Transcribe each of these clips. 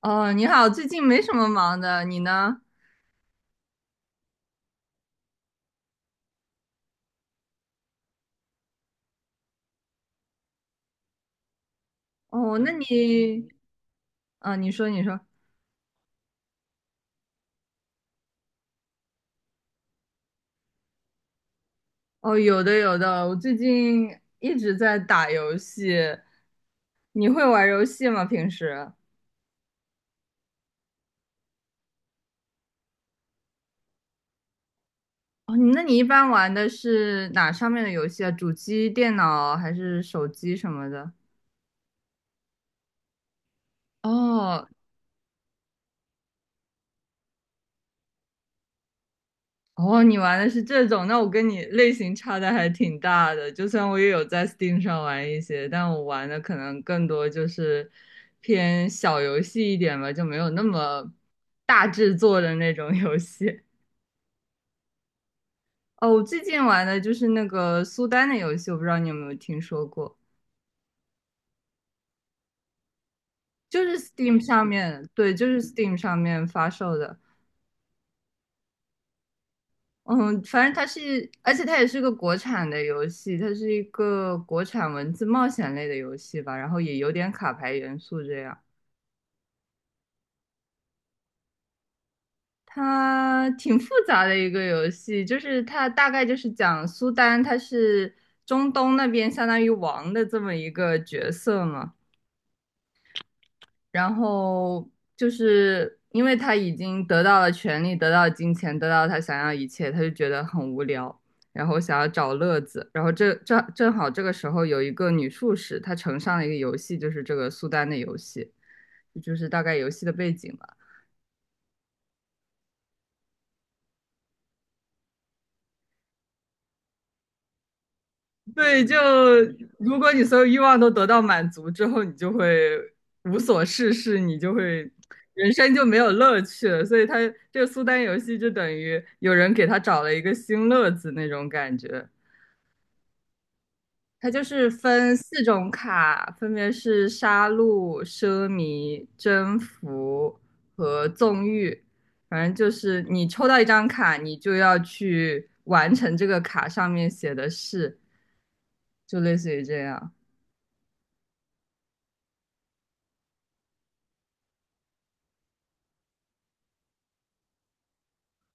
哦，你好，最近没什么忙的，你呢？哦，那你，啊，你说，你说，哦，有的，有的，我最近一直在打游戏。你会玩游戏吗？平时？哦，那你一般玩的是哪上面的游戏啊？主机、电脑还是手机什么的？哦，哦，你玩的是这种，那我跟你类型差的还挺大的。就算我也有在 Steam 上玩一些，但我玩的可能更多就是偏小游戏一点吧，就没有那么大制作的那种游戏。哦，我最近玩的就是那个苏丹的游戏，我不知道你有没有听说过，就是 Steam 上面，对，就是 Steam 上面发售的。嗯，反正它是，而且它也是个国产的游戏，它是一个国产文字冒险类的游戏吧，然后也有点卡牌元素这样。它挺复杂的一个游戏，就是它大概就是讲苏丹，他是中东那边相当于王的这么一个角色嘛，然后就是因为他已经得到了权利，得到了金钱，得到了他想要的一切，他就觉得很无聊，然后想要找乐子。然后这正好这个时候有一个女术士，她呈上了一个游戏，就是这个苏丹的游戏，就是大概游戏的背景吧。对，就如果你所有欲望都得到满足之后，你就会无所事事，你就会人生就没有乐趣了。所以他这个苏丹游戏就等于有人给他找了一个新乐子那种感觉。它就是分四种卡，分别是杀戮、奢靡、征服和纵欲。反正就是你抽到一张卡，你就要去完成这个卡上面写的事，就类似于这样。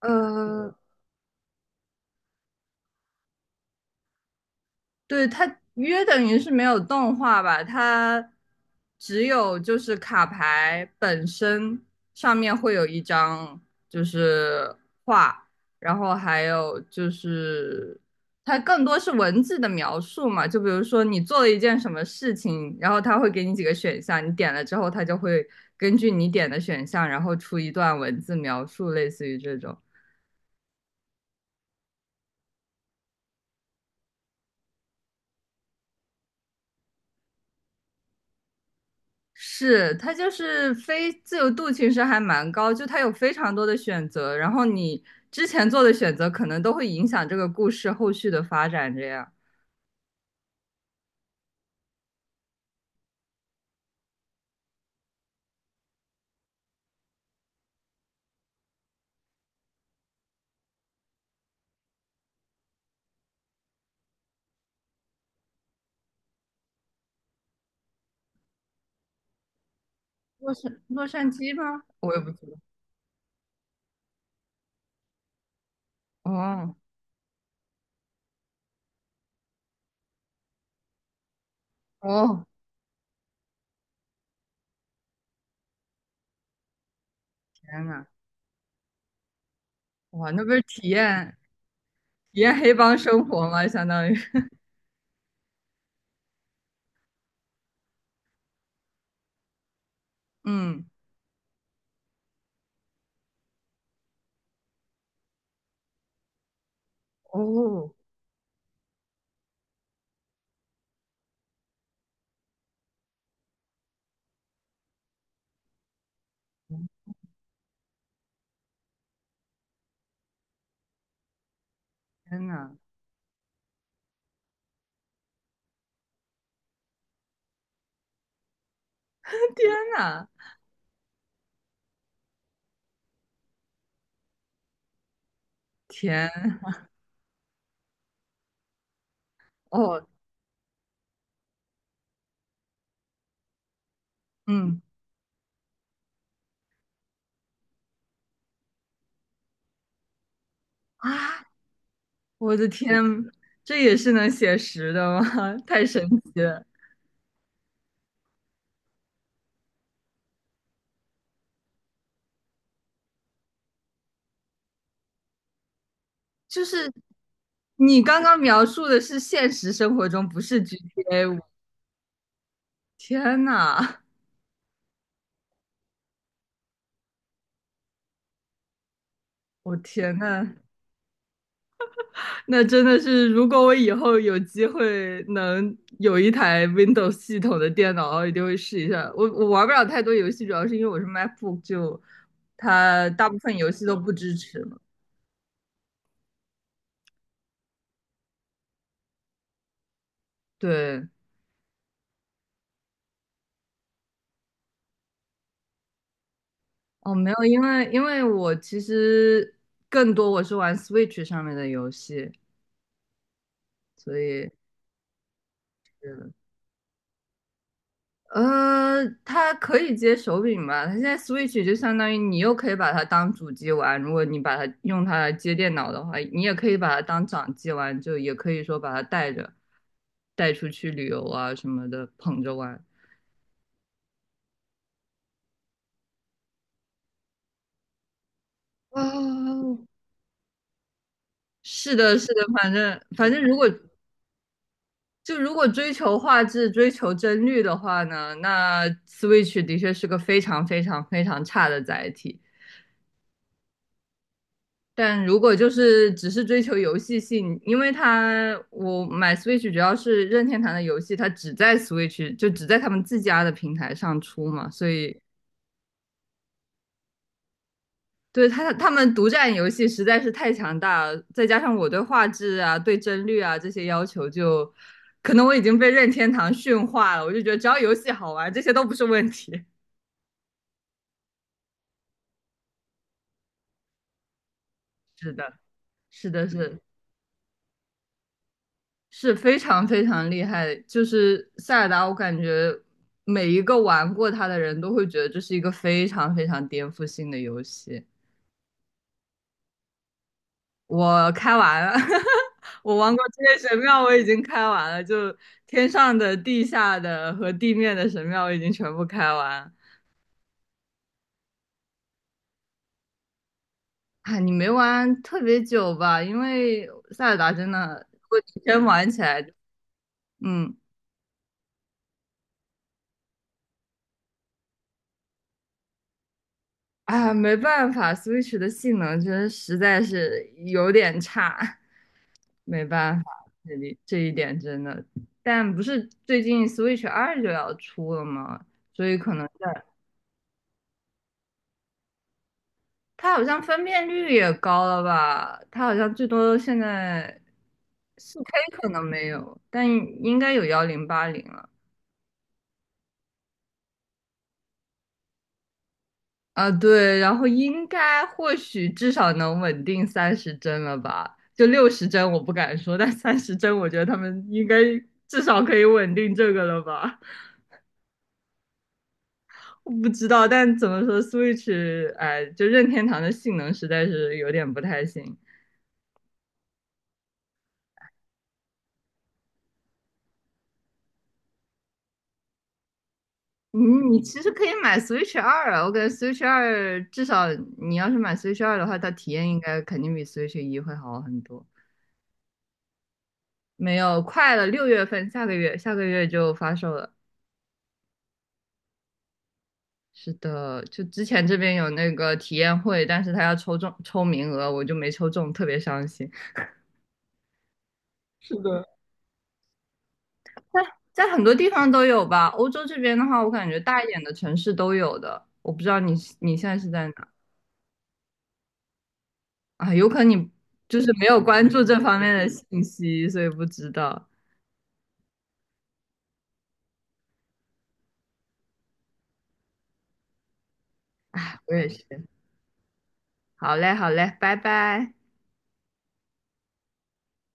呃，对，它约等于是没有动画吧，它只有就是卡牌本身上面会有一张就是画，然后还有就是它更多是文字的描述嘛，就比如说你做了一件什么事情，然后它会给你几个选项，你点了之后，它就会根据你点的选项，然后出一段文字描述，类似于这种。是，它就是非自由度其实还蛮高，就它有非常多的选择，然后你之前做的选择可能都会影响这个故事后续的发展。这样，洛杉矶吗？我也不知道。哦哦，天呐，哇，那不是体验黑帮生活吗？相当于，嗯，哦，天呐，天呐，天，哦，嗯啊，我的天，这也是能写实的吗？太神奇了。就是你刚刚描述的是现实生活中，不是 GTA5。天呐，我天呐，那真的是，如果我以后有机会能有一台 Windows 系统的电脑，我一定会试一下。我玩不了太多游戏，主要是因为我是 MacBook，就它大部分游戏都不支持了。对，哦，没有，因为我其实更多我是玩 Switch 上面的游戏，所以。它可以接手柄吧？它现在 Switch 就相当于你又可以把它当主机玩，如果你把它用它来接电脑的话，你也可以把它当掌机玩，就也可以说把它带着带出去旅游啊什么的，捧着玩。哦，是的，是的，反正如果追求画质、追求帧率的话呢，那 Switch 的确是个非常非常非常差的载体。但如果就是只是追求游戏性，因为它我买 Switch 主要是任天堂的游戏，它只在 Switch 就只在他们自家的平台上出嘛，所以对他们独占游戏实在是太强大了，再加上我对画质啊、对帧率啊这些要求就，可能我已经被任天堂驯化了，我就觉得只要游戏好玩，这些都不是问题。是的，是的，是的是非常非常厉害，就是塞尔达，我感觉每一个玩过它的人都会觉得这是一个非常非常颠覆性的游戏。我开完了，我玩过这些神庙，我已经开完了，就天上的、地下的和地面的神庙，我已经全部开完。哎，你没玩特别久吧？因为塞尔达真的，如果你真玩起来，嗯，啊，没办法，Switch 的性能真的实在是有点差。没办法，这里这一点真的，但不是最近 Switch 二就要出了吗？所以可能在它好像分辨率也高了吧？它好像最多现在 4K 可能没有，但应该有1080了啊。对，然后应该或许至少能稳定三十帧了吧？就60帧我不敢说，但三十帧我觉得他们应该至少可以稳定这个了吧？我不知道，但怎么说，Switch，哎，就任天堂的性能实在是有点不太行。你你其实可以买 Switch 二啊，我感觉 Switch 二至少你要是买 Switch 二的话，它体验应该肯定比 Switch 一会好很多。没有，快了，6月份，下个月就发售了。是的，就之前这边有那个体验会，但是他要抽名额，我就没抽中，特别伤心。是的，在在很多地方都有吧。欧洲这边的话，我感觉大一点的城市都有的。我不知道你现在是在哪啊？有可能你就是没有关注这方面的信息，所以不知道。我也是。好嘞，好嘞，拜拜。